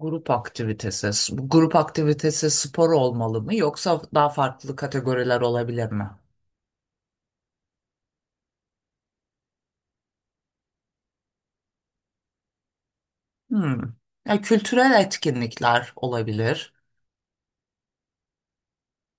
Grup aktivitesi. Bu grup aktivitesi spor olmalı mı yoksa daha farklı kategoriler olabilir mi? Hmm. Ya, kültürel etkinlikler olabilir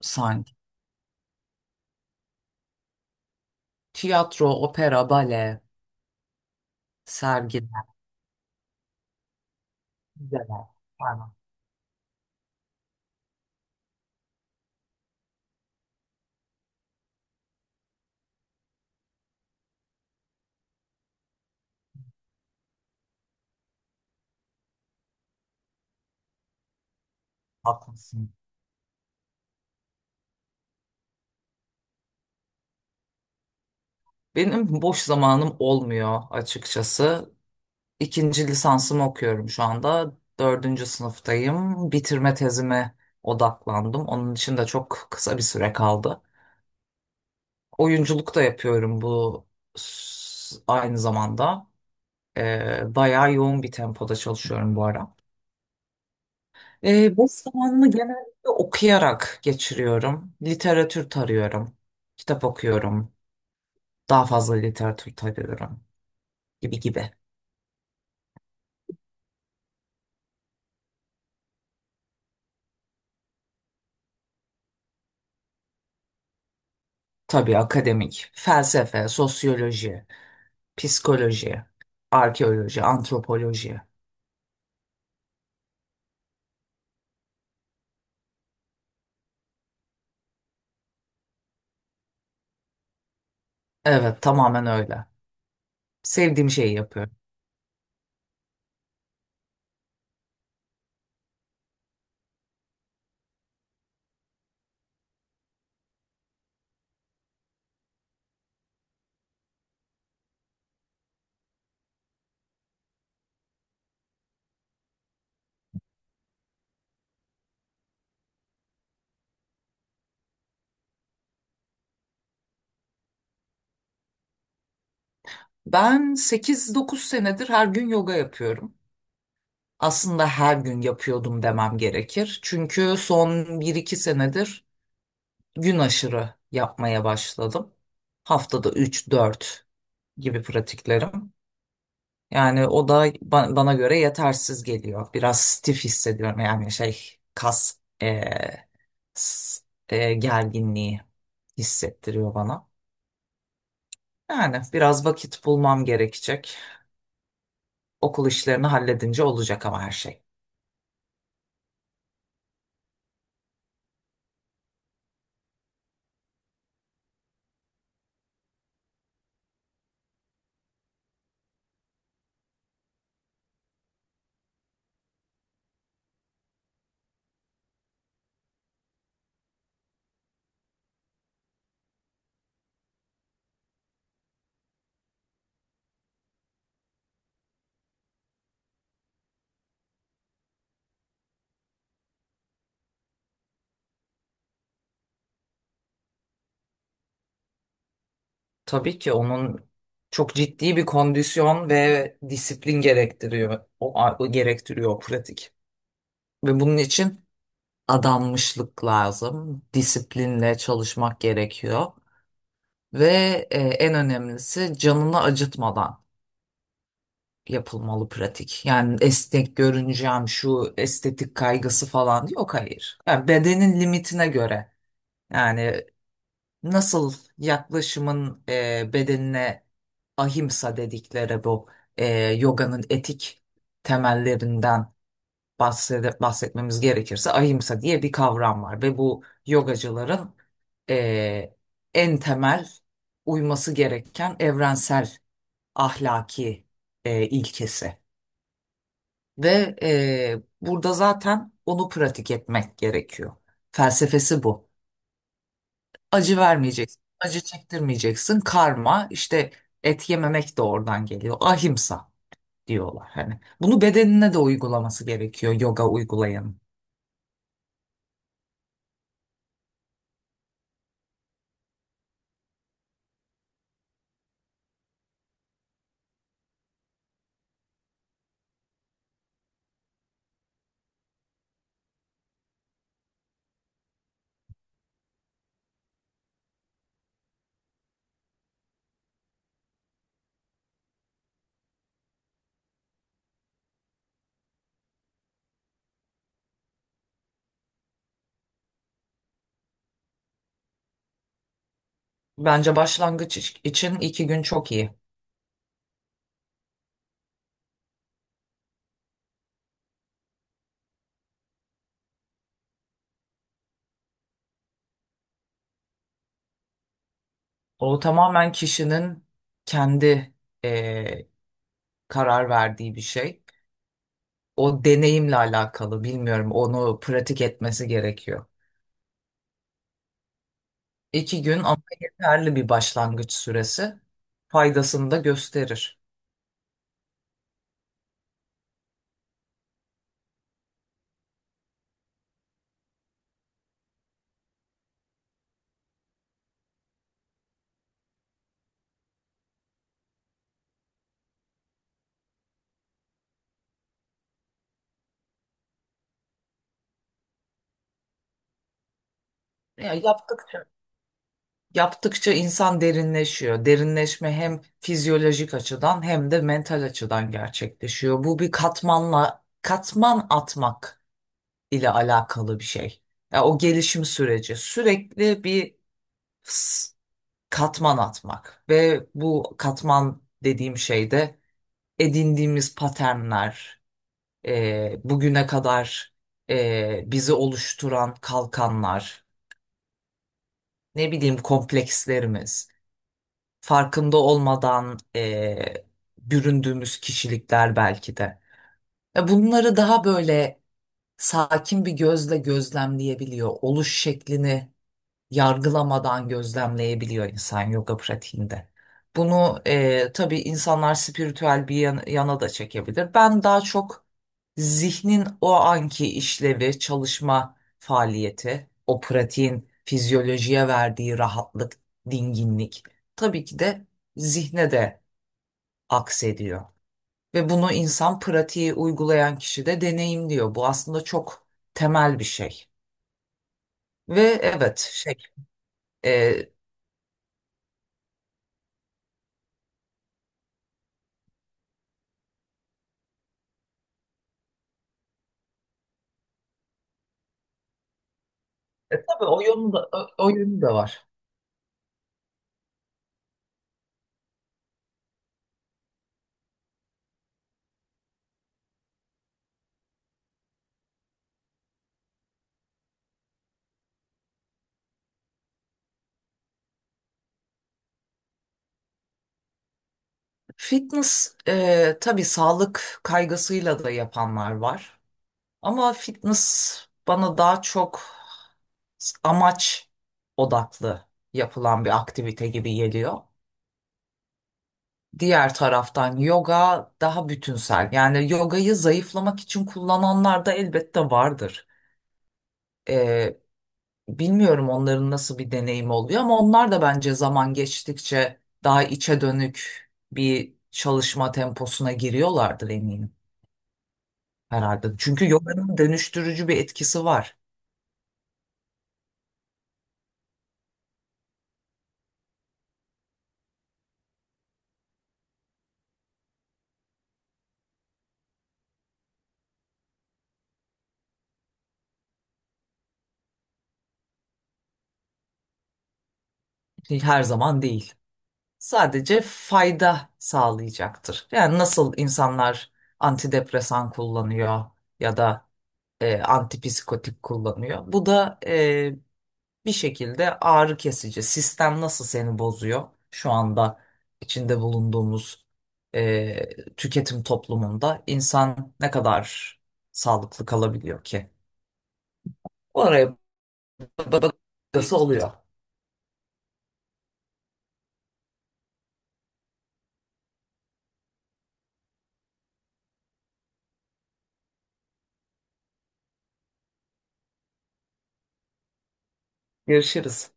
sanki. Tiyatro, opera, bale, sergiler, müzeler. Aynen, haklısın. Benim boş zamanım olmuyor açıkçası. İkinci lisansımı okuyorum şu anda. Dördüncü sınıftayım. Bitirme tezime odaklandım. Onun için de çok kısa bir süre kaldı. Oyunculuk da yapıyorum bu aynı zamanda. Bayağı yoğun bir tempoda çalışıyorum bu ara. Boş zamanımı genellikle okuyarak geçiriyorum. Literatür tarıyorum. Kitap okuyorum. Daha fazla literatür tarıyorum gibi gibi. Tabii akademik, felsefe, sosyoloji, psikoloji, arkeoloji, antropoloji. Evet, tamamen öyle. Sevdiğim şeyi yapıyorum. Ben 8-9 senedir her gün yoga yapıyorum. Aslında her gün yapıyordum demem gerekir. Çünkü son 1-2 senedir gün aşırı yapmaya başladım. Haftada 3-4 gibi pratiklerim. Yani o da bana göre yetersiz geliyor. Biraz stif hissediyorum, yani şey, kas s- gerginliği hissettiriyor bana. Yani biraz vakit bulmam gerekecek. Okul işlerini halledince olacak ama her şey. Tabii ki onun çok ciddi bir kondisyon ve disiplin gerektiriyor. O gerektiriyor o pratik. Ve bunun için adanmışlık lazım. Disiplinle çalışmak gerekiyor. Ve en önemlisi canını acıtmadan yapılmalı pratik. Yani esnek görüneceğim şu estetik kaygısı falan yok, hayır. Yani bedenin limitine göre. Yani nasıl yaklaşımın bedenine, ahimsa dedikleri bu e, yoganın etik temellerinden bahsetmemiz gerekirse, ahimsa diye bir kavram var ve bu yogacıların e, en temel uyması gereken evrensel ahlaki ilkesi ve burada zaten onu pratik etmek gerekiyor. Felsefesi bu. Acı vermeyeceksin. Acı çektirmeyeceksin. Karma işte, et yememek de oradan geliyor. Ahimsa diyorlar hani. Bunu bedenine de uygulaması gerekiyor yoga uygulayanın. Bence başlangıç için 2 gün çok iyi. O tamamen kişinin kendi eee, karar verdiği bir şey. O deneyimle alakalı bilmiyorum, onu pratik etmesi gerekiyor. 2 gün ama yeterli bir başlangıç süresi, faydasını da gösterir. Ya, yaptıkça insan derinleşiyor. Derinleşme hem fizyolojik açıdan hem de mental açıdan gerçekleşiyor. Bu bir katmanla katman atmak ile alakalı bir şey. Ya, o gelişim süreci sürekli bir s- katman atmak ve bu katman dediğim şey de edindiğimiz paternler, bugüne kadar bizi oluşturan kalkanlar, ne bileyim komplekslerimiz. Farkında olmadan büründüğümüz kişilikler belki de. Ve bunları daha böyle sakin bir gözle gözlemleyebiliyor. Oluş şeklini yargılamadan gözlemleyebiliyor insan yoga pratiğinde. Bunu tabii insanlar spiritüel bir yana da çekebilir. Ben daha çok zihnin o anki işlevi, çalışma faaliyeti, o pratiğin fizyolojiye verdiği rahatlık, dinginlik tabii ki de zihne de aksediyor. Ve bunu insan, pratiği uygulayan kişi de deneyimliyor. Bu aslında çok temel bir şey. Ve evet. E, tabii o yönü de, o yönü de var. Fitness tabii sağlık kaygısıyla da yapanlar var. Ama fitness bana daha çok amaç odaklı yapılan bir aktivite gibi geliyor. Diğer taraftan yoga daha bütünsel. Yani yogayı zayıflamak için kullananlar da elbette vardır. E, Bilmiyorum onların nasıl bir deneyim oluyor ama onlar da bence zaman geçtikçe daha içe dönük bir çalışma temposuna giriyorlardır, eminim herhalde. Çünkü yoganın dönüştürücü bir etkisi var. Her zaman değil. Sadece fayda sağlayacaktır. Yani nasıl insanlar antidepresan kullanıyor ya da antipsikotik kullanıyor. Bu da bir şekilde ağrı kesici. Sistem nasıl seni bozuyor? Şu anda içinde bulunduğumuz tüketim toplumunda insan ne kadar sağlıklı kalabiliyor ki? Oraya bakası oluyor. Görüşürüz.